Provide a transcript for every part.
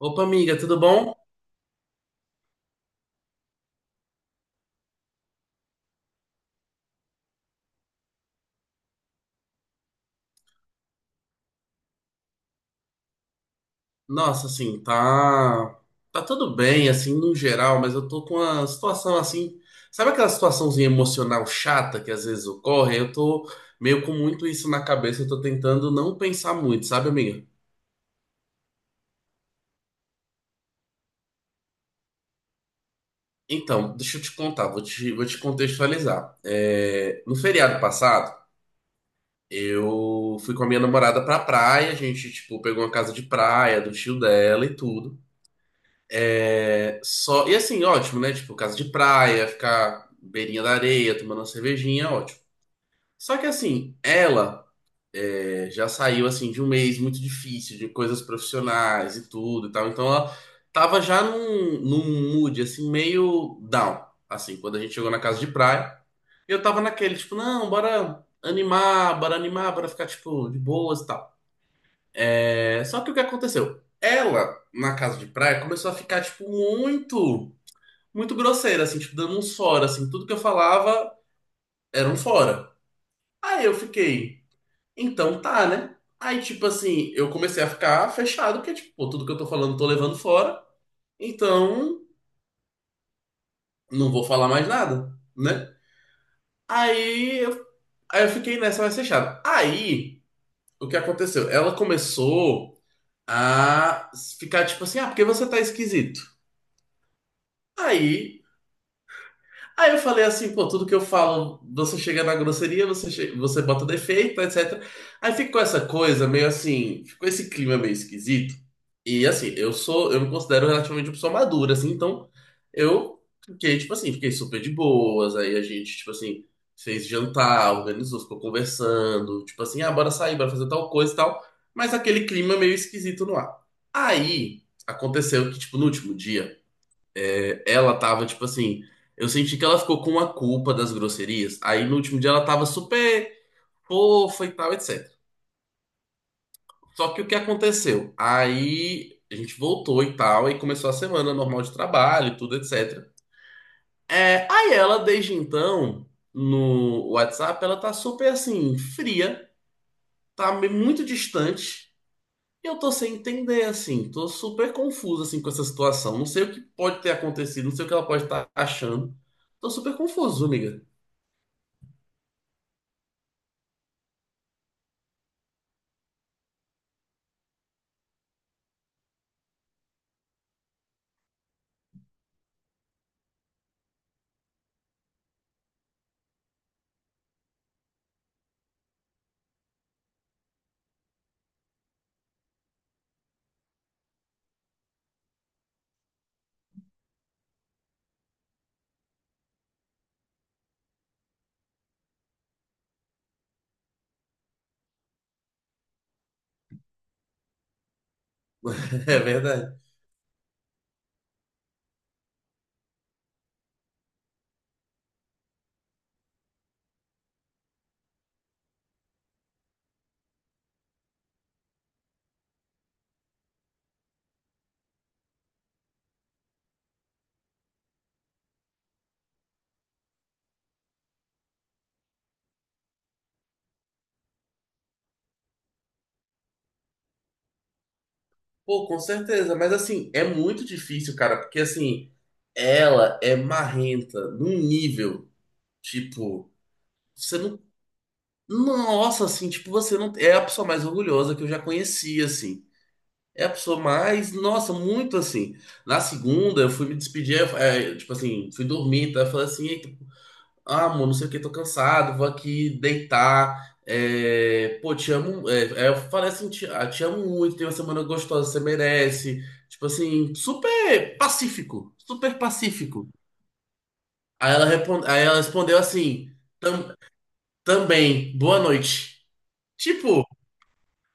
Opa, amiga, tudo bom? Nossa, assim, tá tudo bem assim no geral, mas eu tô com uma situação assim, sabe aquela situaçãozinha emocional chata que às vezes ocorre? Eu tô meio com muito isso na cabeça, eu tô tentando não pensar muito, sabe, amiga? Então, deixa eu te contar, vou te contextualizar. No feriado passado, eu fui com a minha namorada pra praia, a gente, tipo, pegou uma casa de praia do tio dela e tudo. É, só, e assim, ótimo, né? Tipo, casa de praia, ficar beirinha da areia, tomando uma cervejinha, é ótimo. Só que assim, ela já saiu assim de um mês muito difícil, de coisas profissionais e tudo e tal. Então ela tava num mood assim, meio down, assim, quando a gente chegou na casa de praia. E eu tava naquele, tipo, não, bora animar, bora animar, bora ficar, tipo, de boas e tal. É, só que o que aconteceu? Ela, na casa de praia, começou a ficar, tipo, muito. Muito grosseira, assim, tipo, dando uns fora, assim, tudo que eu falava era um fora. Aí eu fiquei, então tá, né? Aí, tipo assim, eu comecei a ficar fechado, porque, tipo, pô, tudo que eu tô falando eu tô levando fora, então não vou falar mais nada, né? Aí eu, aí eu fiquei nessa mais fechada. Aí, o que aconteceu? Ela começou a ficar, tipo assim, ah, porque você tá esquisito. Aí Aí eu falei assim, pô, tudo que eu falo, você chega na grosseria, você bota defeito, etc. Aí ficou essa coisa meio assim, ficou esse clima meio esquisito. E assim, eu me considero relativamente uma pessoa madura, assim, então eu fiquei, tipo assim, fiquei super de boas. Aí a gente, tipo assim, fez jantar, organizou, ficou conversando, tipo assim, ah, bora sair, bora fazer tal coisa e tal. Mas aquele clima meio esquisito no ar. Aí aconteceu que, tipo, no último dia. Ela tava, tipo assim, eu senti que ela ficou com a culpa das grosserias. Aí no último dia ela tava super fofa e tal, etc. Só que o que aconteceu? Aí a gente voltou e tal, e começou a semana normal de trabalho, e tudo, etc. É, aí ela, desde então, no WhatsApp, ela tá super assim, fria, muito distante. E eu tô sem entender, assim, tô super confuso, assim, com essa situação. Não sei o que pode ter acontecido, não sei o que ela pode estar achando. Tô super confuso, amiga. É verdade. Pô, com certeza. Mas assim, é muito difícil, cara, porque assim, ela é marrenta num nível, tipo, você não. Nossa, assim, tipo, você não. É a pessoa mais orgulhosa que eu já conheci, assim. É a pessoa mais. Nossa, muito assim. Na segunda, eu fui me despedir, tipo assim, fui dormir, tá? Eu falei assim, eita, ah, amor, não sei o que, tô cansado, vou aqui deitar. É, pô, te amo. Eu falei assim, ah, te amo muito, tem uma semana gostosa, você merece. Tipo assim, super pacífico, super pacífico. Aí ela respondeu assim, "Tam- também, boa noite." Tipo,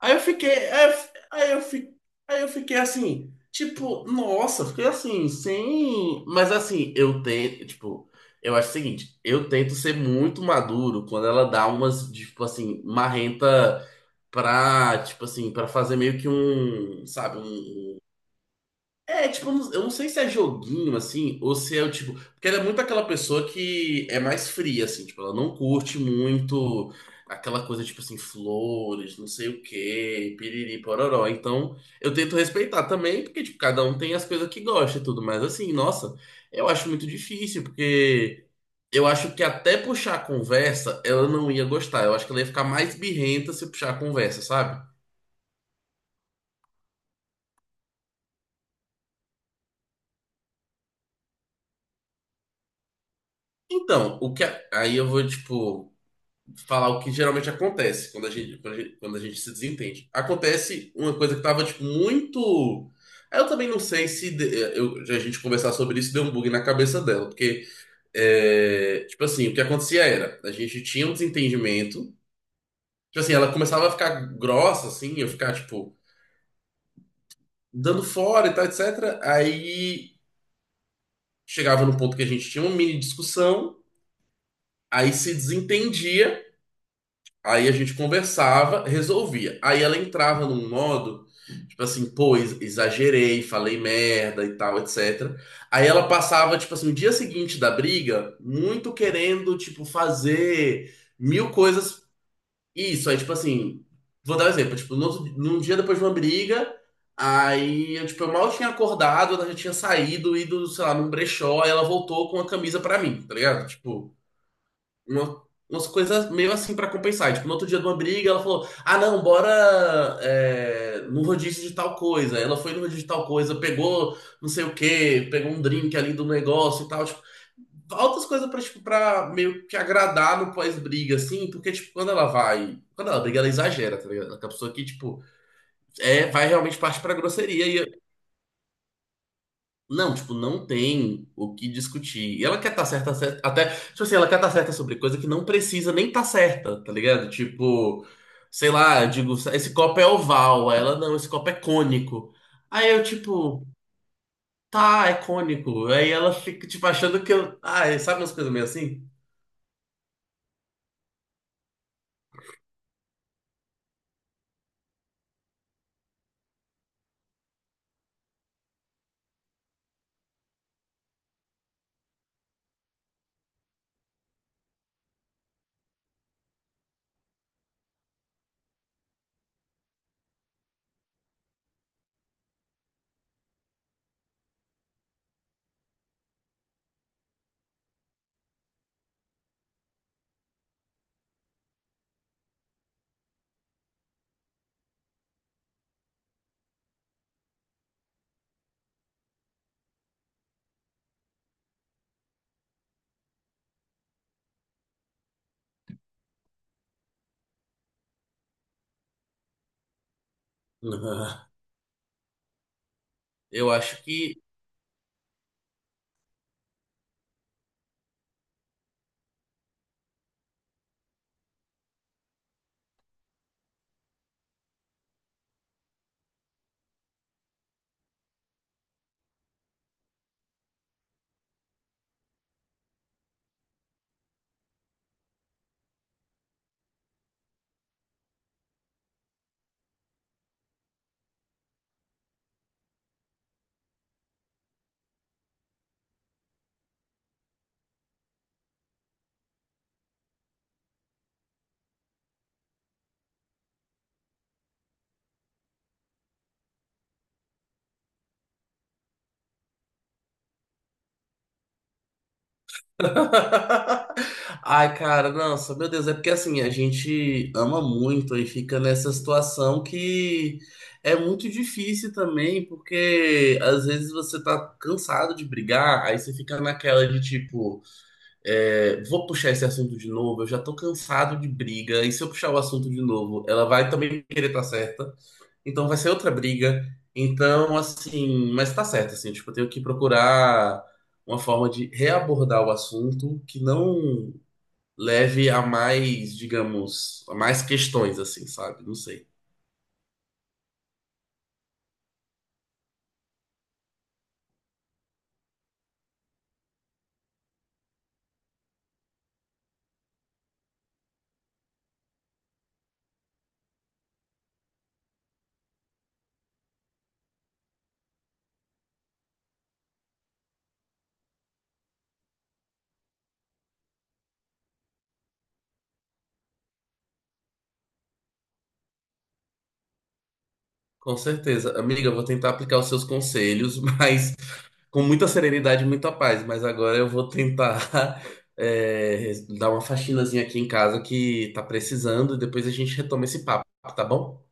Aí eu fiquei, aí eu, fi- aí eu, fi- aí eu fiquei assim, tipo, nossa, fiquei assim, sem. Mas assim, eu tento, tipo, eu acho o seguinte, eu tento ser muito maduro quando ela dá umas, tipo assim, marrenta pra, tipo assim, pra fazer meio que um, sabe, um é, tipo, eu não sei se é joguinho, assim, ou se é o tipo. Porque ela é muito aquela pessoa que é mais fria, assim, tipo, ela não curte muito aquela coisa, tipo assim, flores, não sei o quê, piriri, pororó. Então, eu tento respeitar também, porque, tipo, cada um tem as coisas que gosta e tudo, mas assim, nossa, eu acho muito difícil, porque eu acho que até puxar a conversa, ela não ia gostar. Eu acho que ela ia ficar mais birrenta se puxar a conversa, sabe? Então, aí eu vou, tipo. Falar o que geralmente acontece quando a gente, quando a gente se desentende. Acontece uma coisa que tava, tipo, muito. Eu também não sei se de- eu, a gente conversar sobre isso deu um bug na cabeça dela, porque, é, tipo assim, o que acontecia era, a gente tinha um desentendimento, tipo assim, ela começava a ficar grossa, assim, eu ficar, tipo, dando fora e tal, etc. Aí chegava no ponto que a gente tinha uma mini discussão, aí se desentendia, aí a gente conversava, resolvia. Aí ela entrava num modo tipo assim, pô, exagerei, falei merda e tal, etc. Aí ela passava, tipo assim, no dia seguinte da briga, muito querendo, tipo, fazer mil coisas. Isso, aí, tipo assim, vou dar um exemplo. Tipo, no outro- num dia depois de uma briga, aí eu, tipo, eu mal tinha acordado, ela já tinha saído, ido, sei lá, num brechó, aí ela voltou com a camisa pra mim, tá ligado? Tipo uma, umas coisas meio assim pra compensar. Tipo, no outro dia de uma briga, ela falou: ah, não, bora é, no rodízio de tal coisa. Ela foi no rodízio de tal coisa, pegou não sei o quê, pegou um drink ali do negócio e tal. Tipo, altas coisas pra, tipo, pra meio que agradar no pós-briga, assim, porque, tipo, quando ela vai. Quando ela briga, ela exagera, tá ligado? A pessoa que, tipo, é, vai realmente parte pra grosseria não, tipo, não tem o que discutir. E ela quer estar certa, até, tipo assim, ela quer estar certa sobre coisa que não precisa nem estar certa, tá ligado? Tipo, sei lá, eu digo, esse copo é oval, aí ela não, esse copo é cônico. Aí eu, tipo, tá, é cônico. Aí ela fica, tipo, achando que eu. Ah, sabe umas coisas meio assim? Eu acho que ai, cara, nossa, meu Deus, é porque assim, a gente ama muito e fica nessa situação que é muito difícil também, porque às vezes você tá cansado de brigar, aí você fica naquela de tipo, é, vou puxar esse assunto de novo, eu já tô cansado de briga, e se eu puxar o assunto de novo, ela vai também querer estar certa. Então vai ser outra briga. Então, assim, mas tá certo, assim, tipo, eu tenho que procurar uma forma de reabordar o assunto que não leve a mais, digamos, a mais questões, assim, sabe? Não sei. Com certeza. Amiga, eu vou tentar aplicar os seus conselhos, mas com muita serenidade e muita paz. Mas agora eu vou tentar é, dar uma faxinazinha aqui em casa que tá precisando, e depois a gente retoma esse papo, tá bom?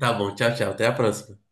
Tá bom, tchau, tchau. Até a próxima.